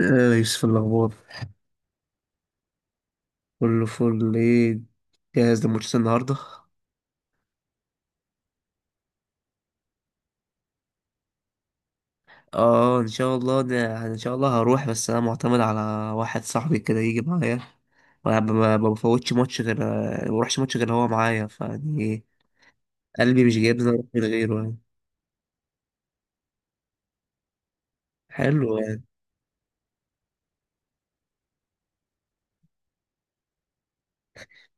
يوسف، الأخبار؟ كله فل، ايه؟ جاهز لماتش النهاردة؟ اه، ان شاء الله، ده يعني ان شاء الله هروح، بس انا معتمد على واحد صاحبي كده يجي معايا. ما بفوتش ماتش غير ما بروحش ماتش غير هو معايا، فيعني إيه، قلبي مش جايبني اروح من غيره يعني. حلو يعني.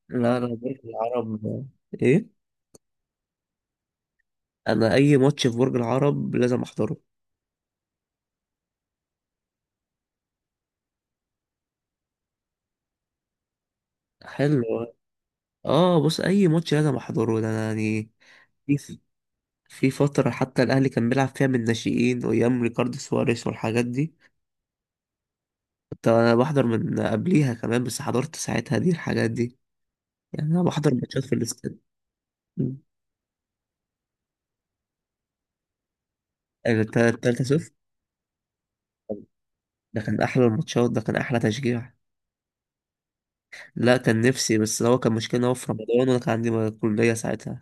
لا لا، برج العرب. ايه. انا اي ماتش في برج العرب لازم احضره. حلو. اه، بص، اي ماتش لازم احضره ده، أنا يعني في فترة حتى الأهلي كان بيلعب فيها من الناشئين وأيام ريكاردو سواريز والحاجات دي. كنت أنا بحضر من قبليها كمان، بس حضرت ساعتها دي الحاجات دي، يعني أنا بحضر ماتشات في الاستاد. مم. التالتة صفر. ده كان أحلى الماتشات، ده كان أحلى تشجيع. لا، كان نفسي، بس هو كان مشكلة إن هو في رمضان وأنا كان عندي كلية ساعتها.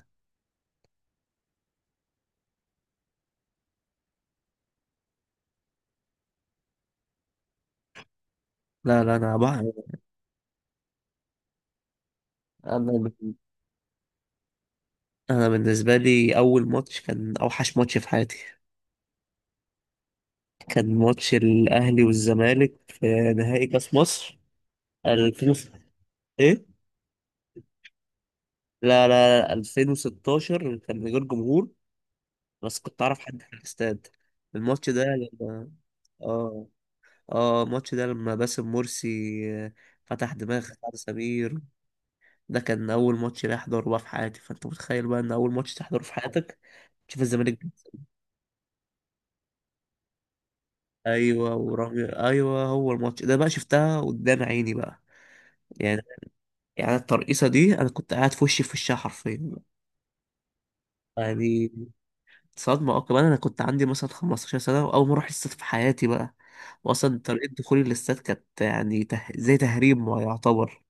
لا لا، أنا أنا بالنسبة لي أول ماتش كان أوحش ماتش في حياتي. كان ماتش الأهلي والزمالك في نهائي كأس مصر 2000. إيه؟ لا لا لا، 2016 كان من غير جمهور، بس كنت اعرف حد في الاستاد. الماتش ده لما اه اه الماتش ده لما باسم مرسي آه، فتح دماغ سعد سمير. ده كان اول ماتش لي احضره بقى في حياتي، فانت متخيل بقى ان اول ماتش تحضره في حياتك تشوف الزمالك بيكسب. ايوه، ورامي، ايوه، هو الماتش ده بقى شفتها قدام عيني بقى يعني. يعني الترقيصه دي انا كنت قاعد في وشي في وشها حرفيا يعني. صدمه، كمان انا كنت عندي مثلا 15 سنه، واول مره احس في حياتي بقى. واصلا طريقه دخولي للاستاد كانت يعني زي تهريب ما يعتبر.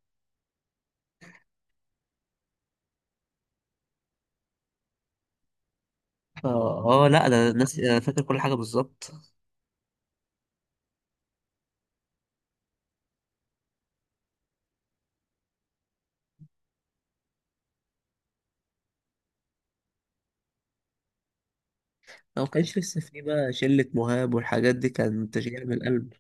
لا، ده الناس انا فاكر كل حاجه بالظبط. أنا ما كانش لسه في بقى شله مهاب والحاجات دي، كان تشجيع من القلب.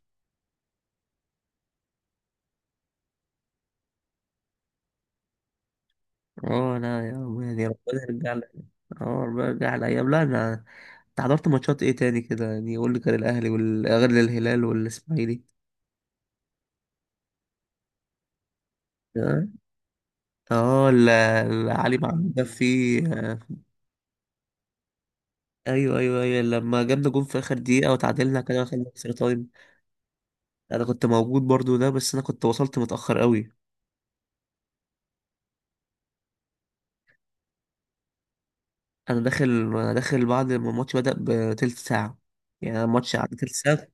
اه لا يا عم، يعني ربنا يرجع لي. اه، ربنا يرجع لي ايام. لا، انا، انت حضرت ماتشات ايه تاني كده، يعني قول لي، كان الاهلي وال- غير الهلال والاسماعيلي. اه آه، العلي معلول ده فيه. ايوه ايوه ايوه لما جبنا جون في اخر دقيقه وتعادلنا كده خلينا اكسترا تايم. انا كنت موجود برضو ده، بس انا كنت وصلت متاخر قوي. انا داخل انا داخل بعد ما الماتش بدا بتلت ساعه، يعني أنا الماتش قعد تلت ساعه.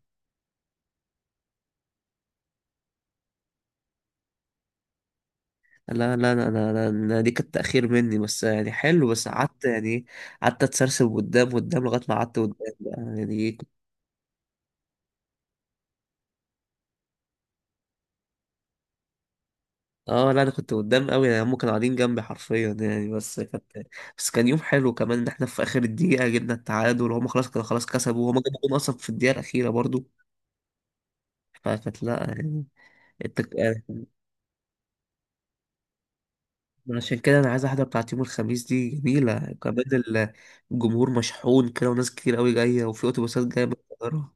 لا لا لا لا لا لا، دي كانت تاخير مني بس يعني، حلو، بس قعدت يعني إيه، قعدت اتسرسب قدام قدام لغايه ما قعدت قدام بقى، يعني إيه، اه لا انا كنت قدام قوي، يعني هم كانوا قاعدين جنبي حرفيا يعني. بس كان يوم حلو كمان ان احنا في اخر الدقيقه جبنا التعادل، وهم خلاص كانوا خلاص كسبوا، وهم جابوا جون اصلا في الدقيقه الاخيره برضو، فكانت لا يعني. التك... عشان كده انا عايز واحده بتاعت يوم الخميس دي جميله كمان. الجمهور مشحون كده وناس كتير قوي جايه، وفي اتوبيسات جايه من القاهره.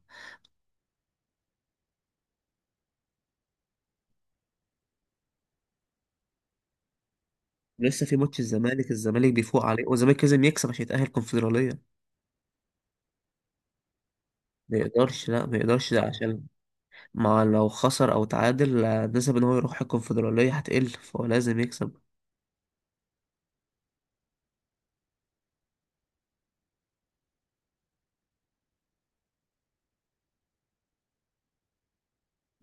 لسه في ماتش الزمالك بيفوق عليه، والزمالك لازم يكسب عشان يتاهل الكونفدراليه. ما يقدرش، لا ما يقدرش ده عشان ما لو خسر او تعادل، نسب ان هو يروح الكونفدراليه هتقل، فهو لازم يكسب.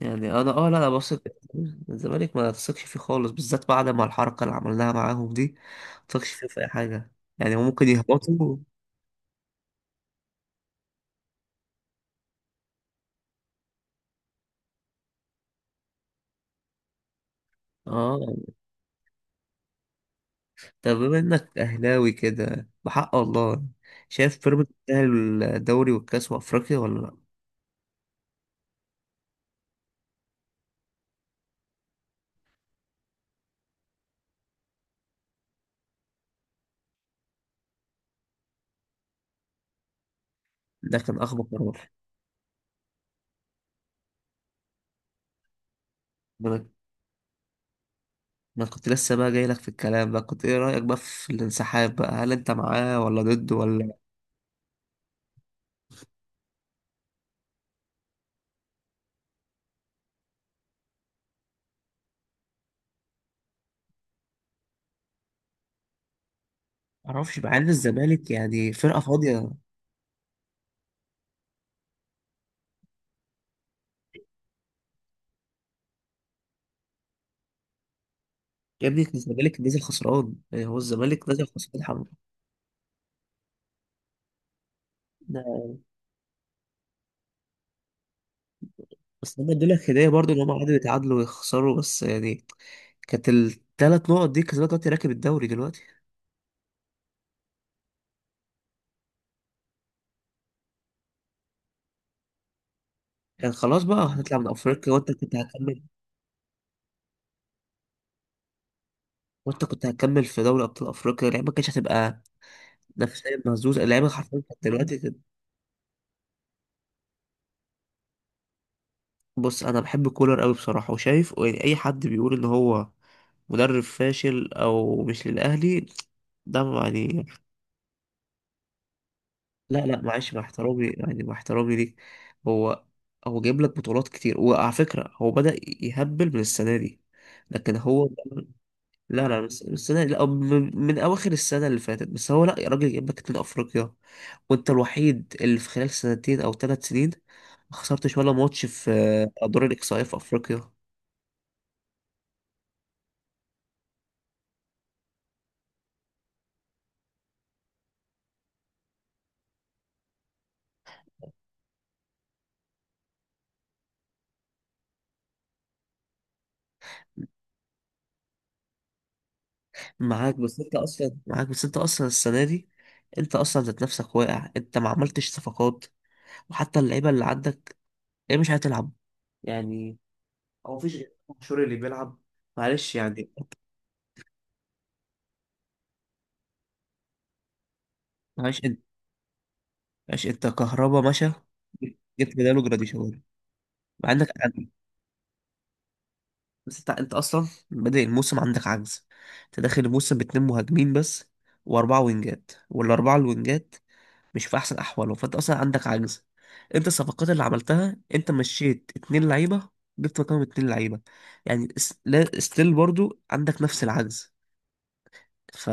يعني انا لا، انا بثق. الزمالك ما تثقش فيه خالص، بالذات بعد ما الحركه اللي عملناها معاهم دي، ما تثقش فيه في اي حاجه يعني. هو ممكن يهبطوا. اه، طب بما انك اهلاوي كده بحق الله، شايف بيراميدز تستاهل الدوري والكاس وافريقيا ولا لا؟ ده كان اخبط قرار. ما انا ما أنا كنت لسه بقى جاي لك في الكلام بقى، كنت ايه رايك بقى في الانسحاب بقى، هل انت معاه ولا ضده ولا؟ ما اعرفش، مع ان الزمالك يعني فرقه فاضيه. يا ابني الزمالك نزل خسران، يعني هو الزمالك نزل خسران حمد. بس انا اديلك لك هديه برضو ان هم قعدوا يتعادلوا ويخسروا بس يعني. كانت الثلاث نقط دي كسبت، دلوقتي راكب الدوري دلوقتي. يعني خلاص بقى هنطلع من افريقيا، وانت كنت هتكمل في دوري ابطال افريقيا، اللعيبه ما كانتش هتبقى نفسيا مهزوزه، اللعيبه حرفيا كانت دلوقتي كده. بص انا بحب كولر قوي بصراحه، وشايف يعني اي حد بيقول ان هو مدرب فاشل او مش للاهلي ده يعني. لا لا، معلش، مع احترامي يعني، مع احترامي ليك، هو هو جايب لك بطولات كتير، وعلى فكره هو بدأ يهبل من السنه دي، لكن هو لا لا بس السنة لا من أواخر السنة اللي فاتت، بس هو لا يا راجل، جايب لك اتنين أفريقيا، وأنت الوحيد اللي في خلال سنتين أو ثلاث سنين ما خسرتش ولا ماتش في أدوار الإقصائية في أفريقيا. معاك بس أنت أصلا السنة دي، أنت أصلا ذات نفسك واقع، أنت ما عملتش صفقات، وحتى اللعيبة اللي عندك هي مش هتلعب يعني، هو مفيش غير شوري اللي بيلعب. معلش يعني، معلش أنت معلش أنت كهربا مشى، جبت بداله جراديشار، مع إنك بس انت اصلا بادئ الموسم عندك عجز، انت داخل الموسم باتنين مهاجمين بس، واربعه وينجات، والاربعه الوينجات مش في احسن احوالهم، فانت اصلا عندك عجز. انت الصفقات اللي عملتها انت مشيت اتنين لعيبه، جبت مكانهم اتنين لعيبه. يعني لا ستيل برضو عندك نفس العجز، ف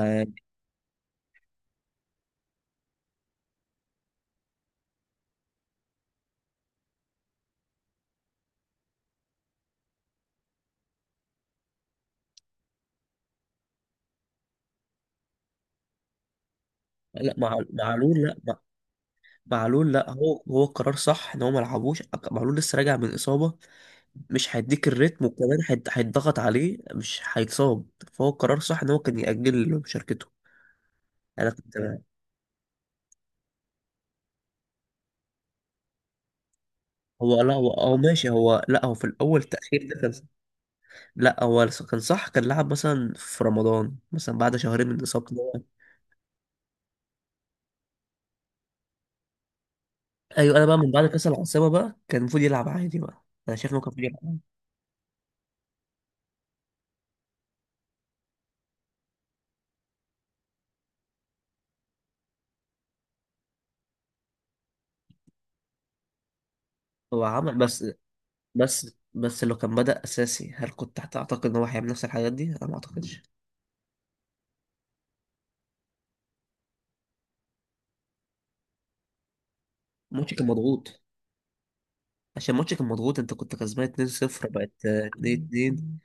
لا مع معلول، لا مع... معلول، لا هو قرار صح ان هو ما لعبوش. معلول لسه راجع من اصابه، مش هيديك الريتم، وكمان هيتضغط عليه مش هيتصاب، فهو القرار صح ان هو كان يأجل مشاركته. انا كنت. هو لا هو ماشي، هو لا هو في الاول تأخير ده كان. لا هو كان صح، كان لعب مثلا في رمضان مثلا بعد شهرين من اصابته ده. ايوه، انا بقى من بعد كاس العاصمه بقى كان المفروض يلعب عادي بقى، انا شايف انه كان المفروض يلعب عادي. هو عمل بس لو كان بدأ اساسي، هل كنت هتعتقد ان هو هيعمل نفس الحاجات دي؟ انا ما اعتقدش. ماتش كان مضغوط، عشان ماتشك كان مضغوط، انت كنت كسبان 2-0 بقت 2-2.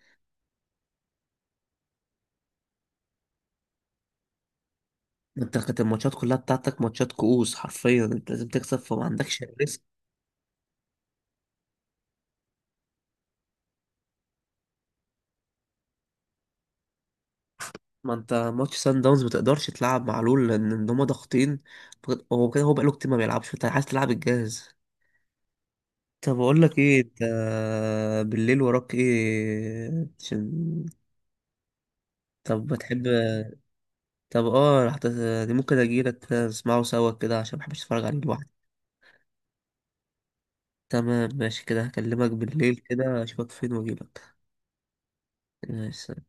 انت كانت الماتشات كلها بتاعتك ماتشات كؤوس حرفيا، انت لازم تكسب فما عندكش الريسك. ما انت ماتش سان داونز ما تقدرش تلعب معلول لان ان هما ضاغطين، هو كده هو بقاله كتير ما بيلعبش، فانت عايز تلعب الجاهز. طب اقول لك ايه، انت بالليل وراك ايه عشان؟ طب بتحب؟ طب ممكن اجيلك نسمعه سوا كده، عشان ما بحبش اتفرج عليه لوحدي. تمام، ماشي كده، هكلمك بالليل كده، اشوفك فين واجيلك. ماشي